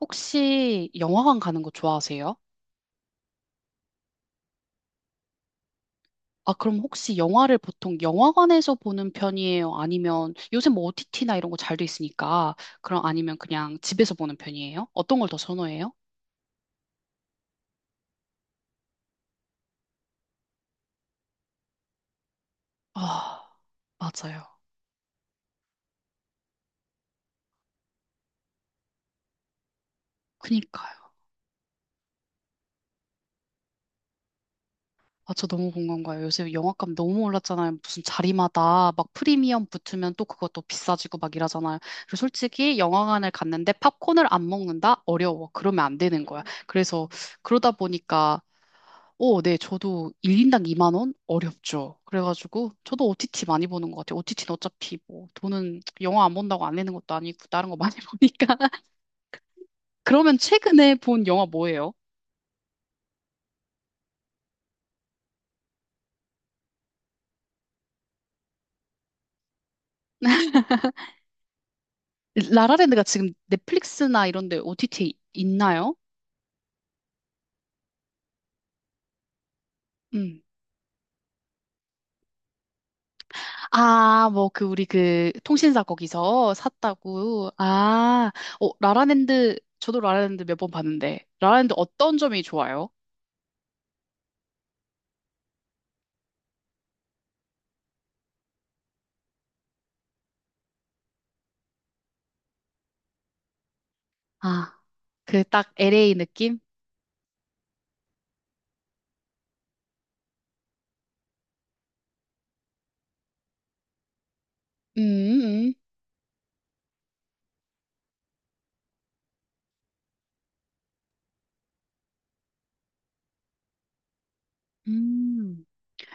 혹시 영화관 가는 거 좋아하세요? 아, 그럼 혹시 영화를 보통 영화관에서 보는 편이에요? 아니면 요새 뭐 OTT나 이런 거 잘 돼 있으니까 그럼 아니면 그냥 집에서 보는 편이에요? 어떤 걸 더 선호해요? 아, 맞아요. 그니까요. 아, 저 너무 공감 가요. 요새 영화값 너무 올랐잖아요. 무슨 자리마다 막 프리미엄 붙으면 또 그것도 비싸지고 막 이러잖아요. 그리고 솔직히 영화관을 갔는데 팝콘을 안 먹는다? 어려워. 그러면 안 되는 거야. 그래서 그러다 보니까 오, 네, 저도 1인당 2만 원? 어렵죠. 그래가지고 저도 OTT 많이 보는 것 같아요. OTT는 어차피 뭐, 돈은 영화 안 본다고 안 내는 것도 아니고, 다른 거 많이 보니까. 그러면 최근에 본 영화 뭐예요? 라라랜드가 지금 넷플릭스나 이런 데 OTT 있나요? 음. 아, 뭐, 그, 우리 그, 통신사 거기서 샀다고. 아, 어, 라라랜드, 저도 라라랜드 몇 번 봤는데, 라라랜드 어떤 점이 좋아요? 아, 그 딱 LA 느낌? 음, 음. 음.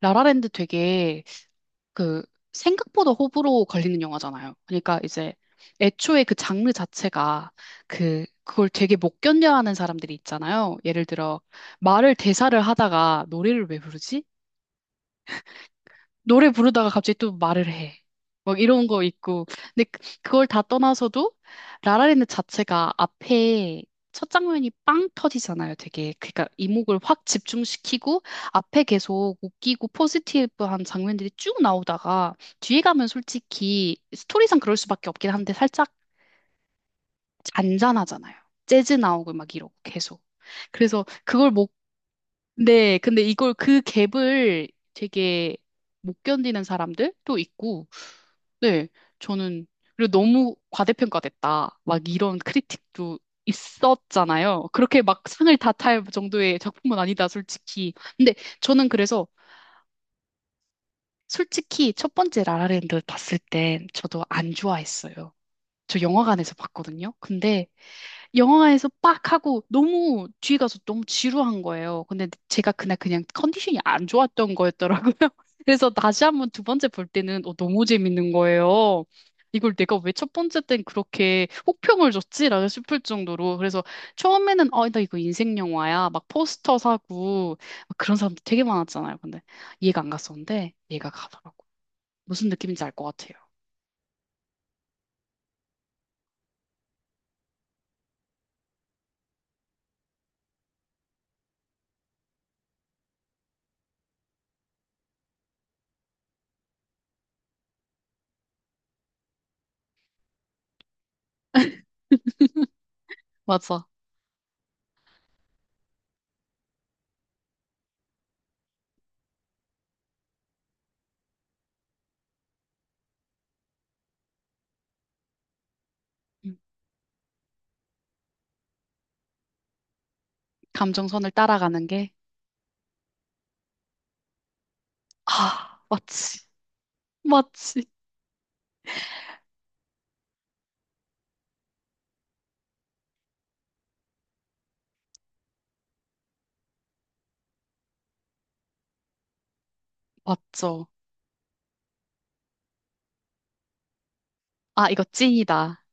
라라랜드 되게 그 생각보다 호불호 걸리는 영화잖아요. 그러니까 이제 애초에 그 장르 자체가 그걸 되게 못 견뎌하는 사람들이 있잖아요. 예를 들어 말을 대사를 하다가 노래를 왜 부르지? 노래 부르다가 갑자기 또 말을 해. 막 이런 거 있고. 근데 그걸 다 떠나서도 라라랜드 자체가 앞에 첫 장면이 빵 터지잖아요. 되게 그러니까 이목을 확 집중시키고 앞에 계속 웃기고 포지티브한 장면들이 쭉 나오다가 뒤에 가면 솔직히 스토리상 그럴 수밖에 없긴 한데 살짝 잔잔하잖아요. 재즈 나오고 막 이러고 계속. 그래서 그걸 못, 네, 근데 이걸 그 갭을 되게 못 견디는 사람들도 있고 네, 저는 그리고 너무 과대평가됐다. 막 이런 크리틱도 있었잖아요. 그렇게 막 상을 다 탈 정도의 작품은 아니다, 솔직히. 근데 저는 그래서 솔직히 첫 번째 라라랜드 봤을 때 저도 안 좋아했어요. 저 영화관에서 봤거든요. 근데 영화에서 빡 하고 너무 뒤에 가서 너무 지루한 거예요. 근데 제가 그날 그냥 컨디션이 안 좋았던 거였더라고요. 그래서 다시 한번 두 번째 볼 때는 어, 너무 재밌는 거예요. 이걸 내가 왜 첫 번째 땐 그렇게 혹평을 줬지라고 싶을 정도로. 그래서 처음에는 어, 나 이거 인생 영화야 막 포스터 사고 막 그런 사람들 되게 많았잖아요. 근데 이해가 안 갔었는데 이해가 가더라고. 무슨 느낌인지 알 것 같아요. 맞아. 음, 감정선을 따라가는 게 아, 맞지. 맞지. 맞죠. 아, 이거 찐이다.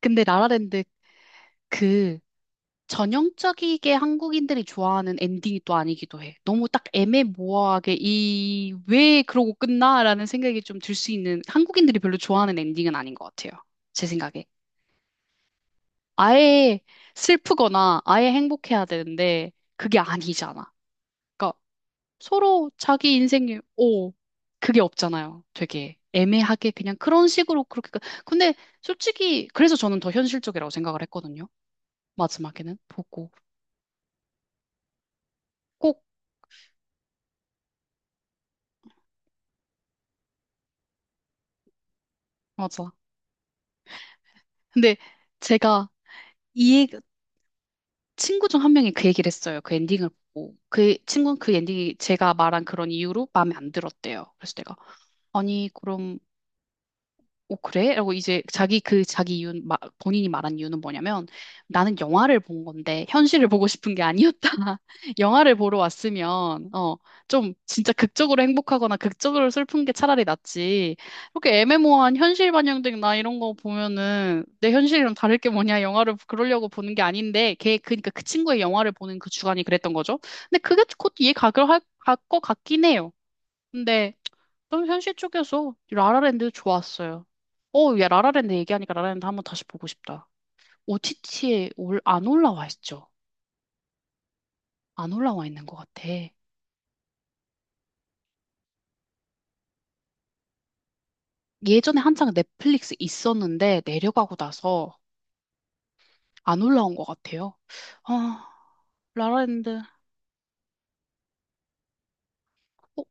근데 라라랜드 그 전형적이게 한국인들이 좋아하는 엔딩이 또 아니기도 해. 너무 딱 애매모호하게 이 왜 그러고 끝나라는 생각이 좀 들 수 있는, 한국인들이 별로 좋아하는 엔딩은 아닌 것 같아요. 제 생각에. 아예 슬프거나 아예 행복해야 되는데 그게 아니잖아. 그러니까 서로 자기 인생이, 오, 그게 없잖아요. 되게 애매하게 그냥 그런 식으로 그렇게. 근데 솔직히, 그래서 저는 더 현실적이라고 생각을 했거든요. 마지막에는 보고. 꼭, 맞아. 근데 제가 이 얘기, 친구 중 한 명이 그 얘기를 했어요. 그 엔딩을 보고. 그 친구는 그 엔딩이 제가 말한 그런 이유로 마음에 안 들었대요. 그래서 내가, 아니, 그럼 오, 그래? 라고 이제 자기 그 자기 이유, 본인이 말한 이유는 뭐냐면 나는 영화를 본 건데 현실을 보고 싶은 게 아니었다. 영화를 보러 왔으면 어, 좀 진짜 극적으로 행복하거나 극적으로 슬픈 게 차라리 낫지. 이렇게 애매모호한 현실 반영된 나 이런 거 보면은 내 현실이랑 다를 게 뭐냐. 영화를 그러려고 보는 게 아닌데 걔 그러니까 그 친구의 영화를 보는 그 주관이 그랬던 거죠. 근데 그게 곧 이해가 갈 것 같긴 해요. 근데 좀 현실 쪽에서 라라랜드 좋았어요. 어, 야, 라라랜드 얘기하니까 라라랜드 한번 다시 보고 싶다. OTT에 올, 안 올라와 있죠? 안 올라와 있는 것 같아. 예전에 한창 넷플릭스 있었는데 내려가고 나서 안 올라온 것 같아요. 아, 라라랜드. 어,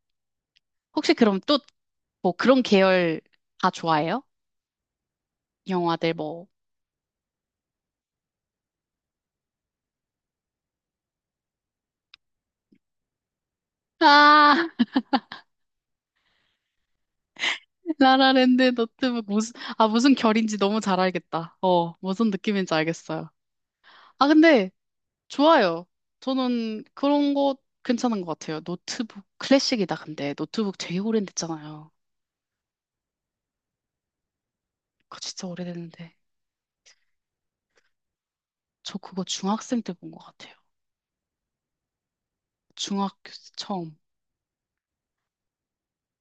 혹시 그럼 또 뭐 그런 계열 다 좋아해요? 영화들 뭐. 아, 라라랜드 너트북 무슨, 아, 무슨 결인지 너무 잘 알겠다. 어, 무슨 느낌인지 알겠어요. 아, 근데 좋아요. 저는 그런 거 괜찮은 것 같아요. 노트북 클래식이다, 근데. 노트북 되게 오래됐잖아요. 그거 진짜 오래됐는데. 저 그거 중학생 때 본 것 같아요. 중학교 때 처음.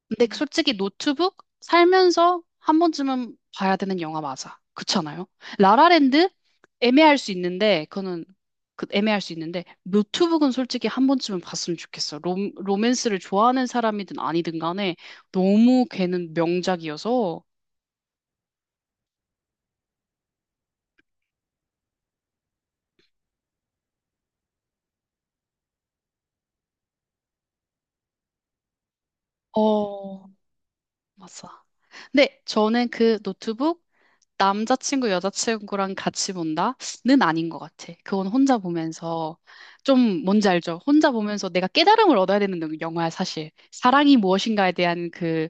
근데 솔직히 노트북 살면서 한 번쯤은 봐야 되는 영화 맞아. 그렇잖아요. 라라랜드 애매할 수 있는데 그거는 그 애매할 수 있는데 노트북은 솔직히 한 번쯤은 봤으면 좋겠어. 로맨스를 좋아하는 사람이든 아니든 간에 너무 걔는 명작이어서. 어, 맞아. 근데 저는 그 노트북 남자친구, 여자친구랑 같이 본다는 아닌 것 같아. 그건 혼자 보면서 좀 뭔지 알죠? 혼자 보면서 내가 깨달음을 얻어야 되는 화야 사실. 사랑이 무엇인가에 대한 그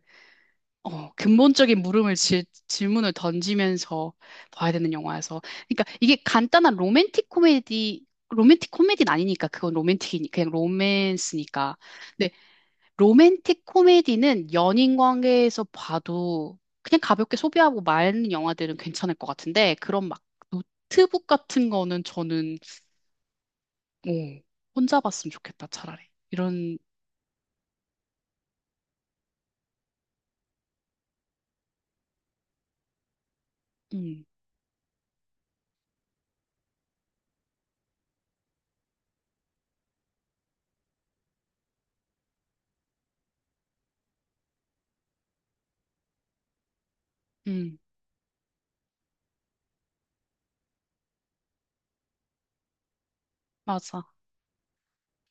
어, 근본적인 물음을 질문을 던지면서 봐야 되는 영화여서. 그러니까 이게 간단한 로맨틱 코미디, 로맨틱 코미디는 아니니까 그건 로맨틱이 그냥 로맨스니까. 로맨틱 코미디는 연인 관계에서 봐도 그냥 가볍게 소비하고 마는 영화들은 괜찮을 것 같은데 그런 막 노트북 같은 거는 저는 오, 혼자 봤으면 좋겠다 차라리 이런. 음, 음, 맞아.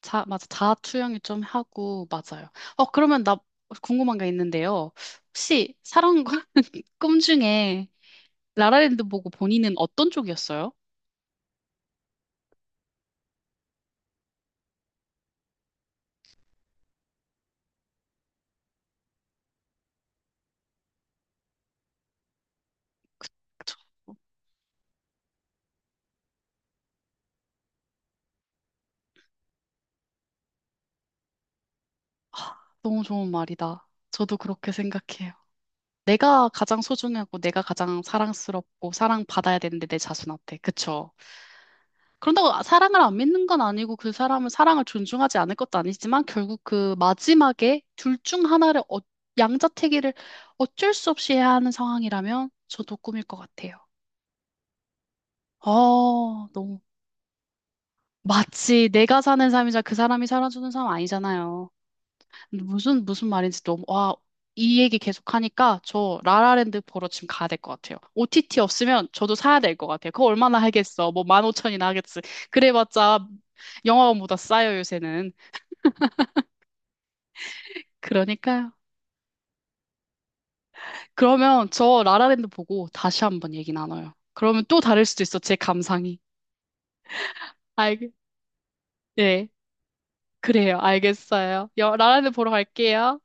맞아 자아 투영이 좀 하고 맞아요. 어 그러면 나 궁금한 게 있는데요, 혹시 사랑과 꿈 중에 라라랜드 보고 본인은 어떤 쪽이었어요? 저- 아, 너무 좋은 말이다. 저도 그렇게 생각해요. 내가 가장 소중하고 내가 가장 사랑스럽고 사랑받아야 되는데 내 자신한테. 그쵸? 그런다고 사랑을 안 믿는 건 아니고 그 사람은 사랑을 존중하지 않을 것도 아니지만 결국 그 마지막에 둘 중 하나를 어, 양자택일을 어쩔 수 없이 해야 하는 상황이라면 저도 꿈일 것 같아요. 어, 너무 마치 내가 사는 삶이자 그 사람이 살아주는 삶 아니잖아요. 근데 무슨 말인지 너무 와, 이 얘기 계속 하니까 저 라라랜드 보러 지금 가야 될 것 같아요. OTT 없으면 저도 사야 될 것 같아요. 그거 얼마나 하겠어? 뭐 15,000이나 하겠지. 그래봤자 영화관보다 싸요, 요새는. 그러니까요. 그러면 저 라라랜드 보고 다시 한번 얘기 나눠요. 그러면 또 다를 수도 있어, 제 감상이. 알겠, 네, 그래요. 알겠어요. 여, 라라랜드 보러 갈게요.